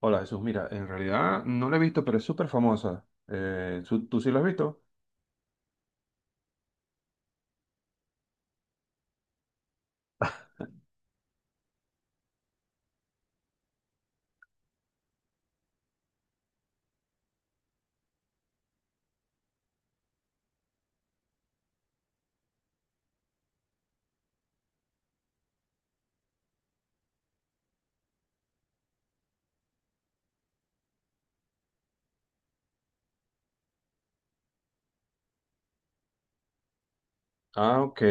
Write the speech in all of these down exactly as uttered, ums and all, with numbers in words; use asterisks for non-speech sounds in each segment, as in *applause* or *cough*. Hola Jesús, mira, en realidad no la he visto, pero es súper famosa. Eh, ¿tú, tú sí la has visto? Ah, ok,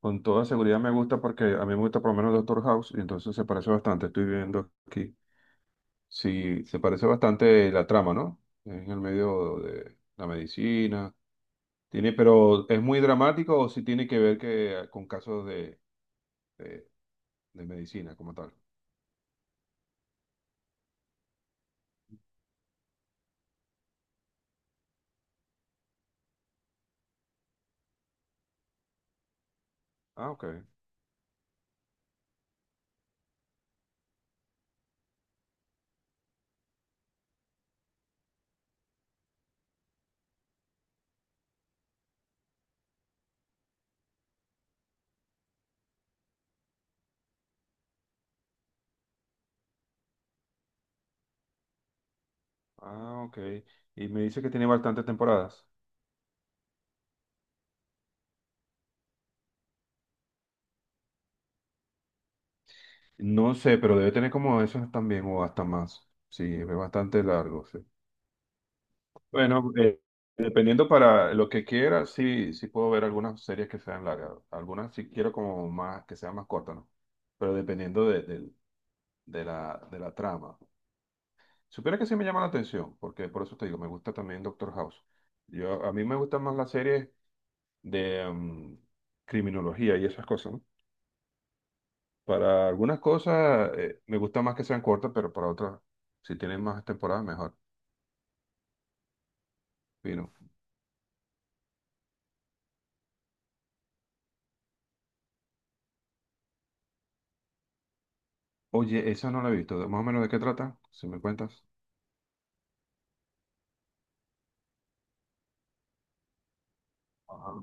con toda seguridad me gusta porque a mí me gusta por lo menos Doctor House y entonces se parece bastante, estoy viendo aquí. Sí, se parece bastante la trama, ¿no? En el medio de la medicina. Tiene, pero ¿es muy dramático o si tiene que ver que, con casos de, de, de medicina como tal? Ah, ok, ah, ok. Y me dice que tiene bastantes temporadas. No sé, pero debe tener como esos también o hasta más. Sí, es bastante largo, sí. Bueno, eh, dependiendo para lo que quiera, sí, sí puedo ver algunas series que sean largas. Algunas sí quiero como más, que sean más cortas, ¿no? Pero dependiendo de, de- de la, de la trama. Supiera que sí me llama la atención, porque por eso te digo, me gusta también Doctor House. Yo, a mí me gustan más las series de mm, criminología y esas cosas, ¿no? Para algunas cosas eh, me gusta más que sean cortas, pero para otras, si tienen más temporadas, mejor. Fino. Oye, esa no la he visto. Más o menos de qué trata, si me cuentas. Ajá.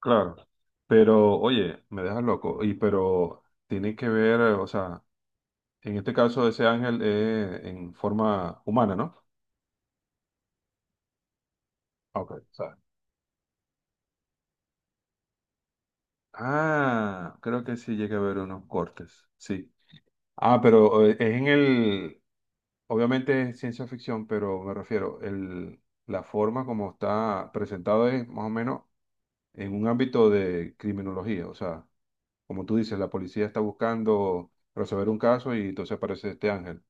Claro. Pero, oye, me dejas loco. Y pero tiene que ver, eh, o sea, en este caso ese ángel es en forma humana, ¿no? Ok, sabe. Ah, creo que sí llega a haber unos cortes. Sí. Ah, pero eh, es en el, obviamente es ciencia ficción, pero me refiero, el, la forma como está presentado es más o menos en un ámbito de criminología. O sea, como tú dices, la policía está buscando resolver un caso y entonces aparece este ángel.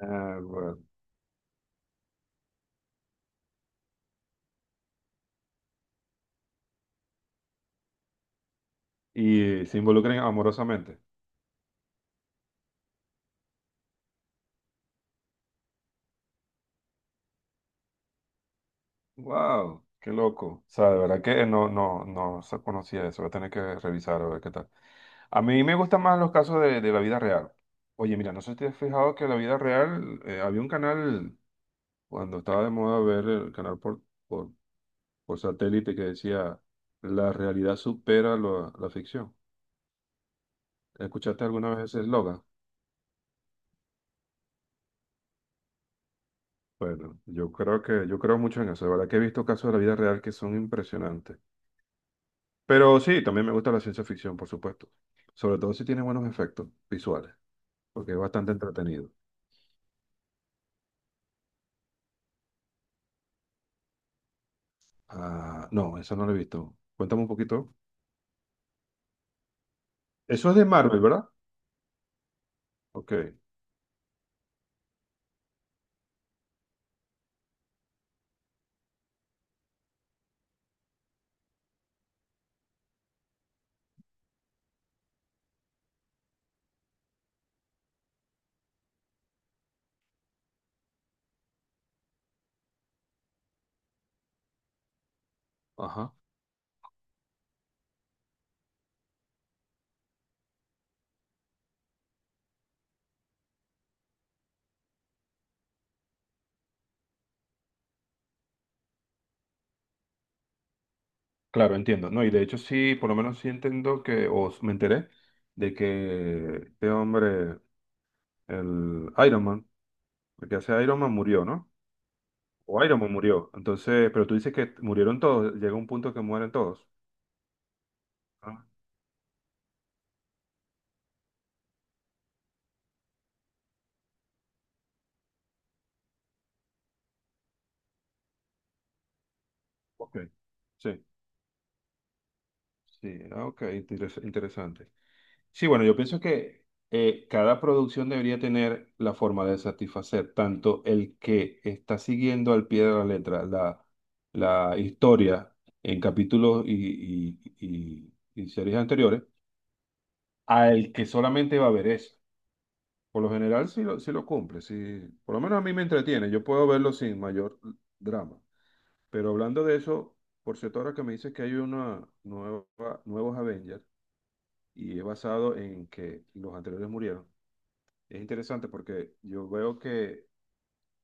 Ah, bueno. Y se involucran amorosamente. ¡Wow! ¡Qué loco! O sea, de verdad que no, no, no se conocía eso. Voy a tener que revisar a ver qué tal. A mí me gustan más los casos de, de la vida real. Oye, mira, no sé si te has fijado que en la vida real eh, había un canal. Cuando estaba de moda ver el canal por, por, por satélite que decía, la realidad supera lo- la ficción. ¿Escuchaste alguna vez ese eslogan? Bueno, yo creo que, yo creo mucho en eso. De verdad que he visto casos de la vida real que son impresionantes. Pero sí, también me gusta la ciencia ficción, por supuesto. Sobre todo si tiene buenos efectos visuales, porque es bastante entretenido. Ah, no, eso no lo he visto. Cuéntame un poquito. Eso es de Marvel, ¿verdad? Ok. Ajá. Claro, entiendo, ¿no? Y de hecho sí, por lo menos sí entiendo que, o s- me enteré de que este hombre, el Iron Man, el que hace Iron Man murió, ¿no? O Iron Man murió. Entonces, pero tú dices que murieron todos, llega un punto que mueren todos. Ah, ok. Sí, sí, ah, ok, interes- interesante. Sí, bueno, yo pienso que eh, cada producción debería tener la forma de satisfacer tanto el que está siguiendo al pie de la letra la, la historia en capítulos y, y- y- y series anteriores, al que solamente va a ver eso. Por lo general, sí lo, sí lo cumple, sí, por lo menos a mí me entretiene, yo puedo verlo sin mayor drama. Pero hablando de eso, por cierto, ahora que me dices que hay una nueva, nuevos Avengers y es basado en que los anteriores murieron. Es interesante porque yo veo que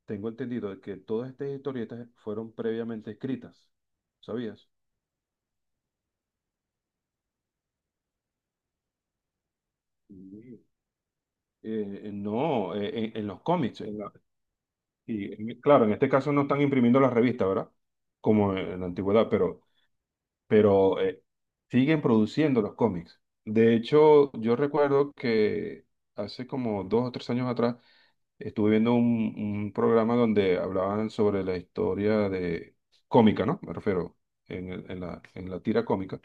tengo entendido de que todas estas historietas fueron previamente escritas, ¿sabías? Mm. Eh, no, eh, en, en los cómics. En la- y en- claro, en este caso no están imprimiendo las revistas, ¿verdad? Como en la antigüedad, pero, pero eh, siguen produciendo los cómics. De hecho, yo recuerdo que hace como dos o tres años atrás estuve viendo un, un programa donde hablaban sobre la historia de cómica, ¿no? Me refiero en, el- en la, en la tira cómica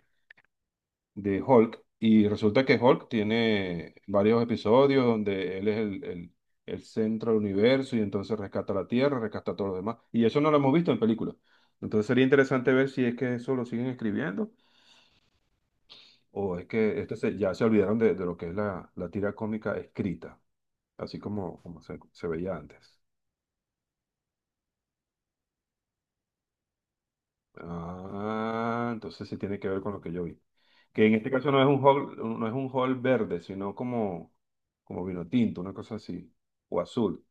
de Hulk. Y resulta que Hulk tiene varios episodios donde él es el, el- el centro del universo y entonces rescata la Tierra, rescata a todos los demás. Y eso no lo hemos visto en películas. Entonces sería interesante ver si es que eso lo siguen escribiendo o es que esto se- ya se olvidaron de, de lo que es la, la tira cómica escrita, así como, como se se veía antes. Ah, entonces sí tiene que ver con lo que yo vi. Que en este caso no es un hall, no es un hall verde, sino como, como vino tinto, una cosa así, o azul.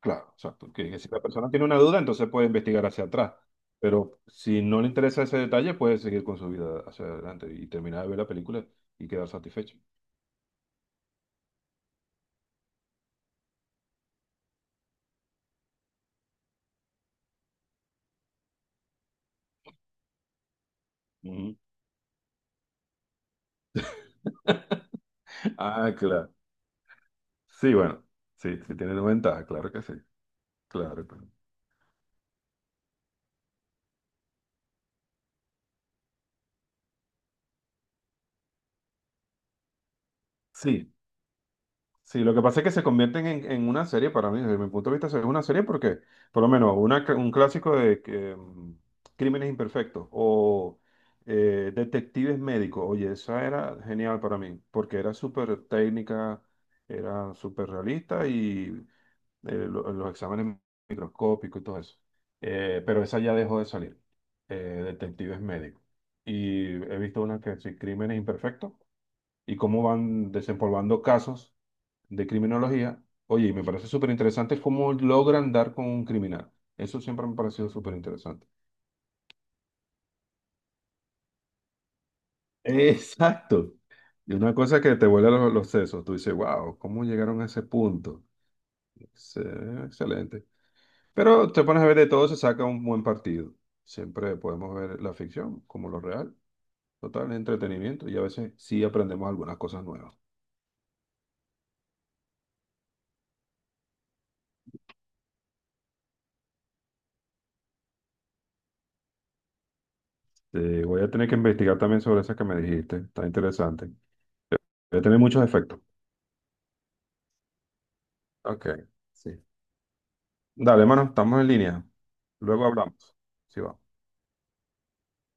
Claro, exacto. Que si la persona tiene una duda, entonces puede investigar hacia atrás. Pero si no le interesa ese detalle, puede seguir con su vida hacia adelante y terminar de ver la película y quedar satisfecho. Ujú. *laughs* Ah, claro. Sí, bueno, sí, sí tiene una ventaja, claro que sí. Claro, claro. Sí. Sí, sí, lo que pasa es que se convierten en, en una serie para mí, desde mi punto de vista, es una serie porque, por lo menos, una, cl- un clásico de que, mm, Crímenes Imperfectos o eh, Detectives Médicos. Oye, esa era genial para mí porque era súper técnica, era súper realista y eh, lo- los exámenes microscópicos y todo eso. Eh, pero esa ya dejó de salir, eh, Detectives Médicos. Y he visto una que es Crímenes Imperfectos y cómo van desempolvando casos de criminología. Oye, y me parece súper interesante cómo logran dar con un criminal. Eso siempre me ha parecido súper interesante. Exacto. Y una cosa que te vuela los, los sesos, tú dices, wow, ¿cómo llegaron a ese punto? Ex- Excelente. Pero te pones a ver de todo, se saca un buen partido. Siempre podemos ver la ficción como lo real, total entretenimiento y a veces sí aprendemos algunas cosas nuevas. Eh, voy a tener que investigar también sobre esa que me dijiste, está interesante. Voy a tener muchos efectos. Ok, sí. Dale, mano, estamos en línea. Luego hablamos. Sí, va.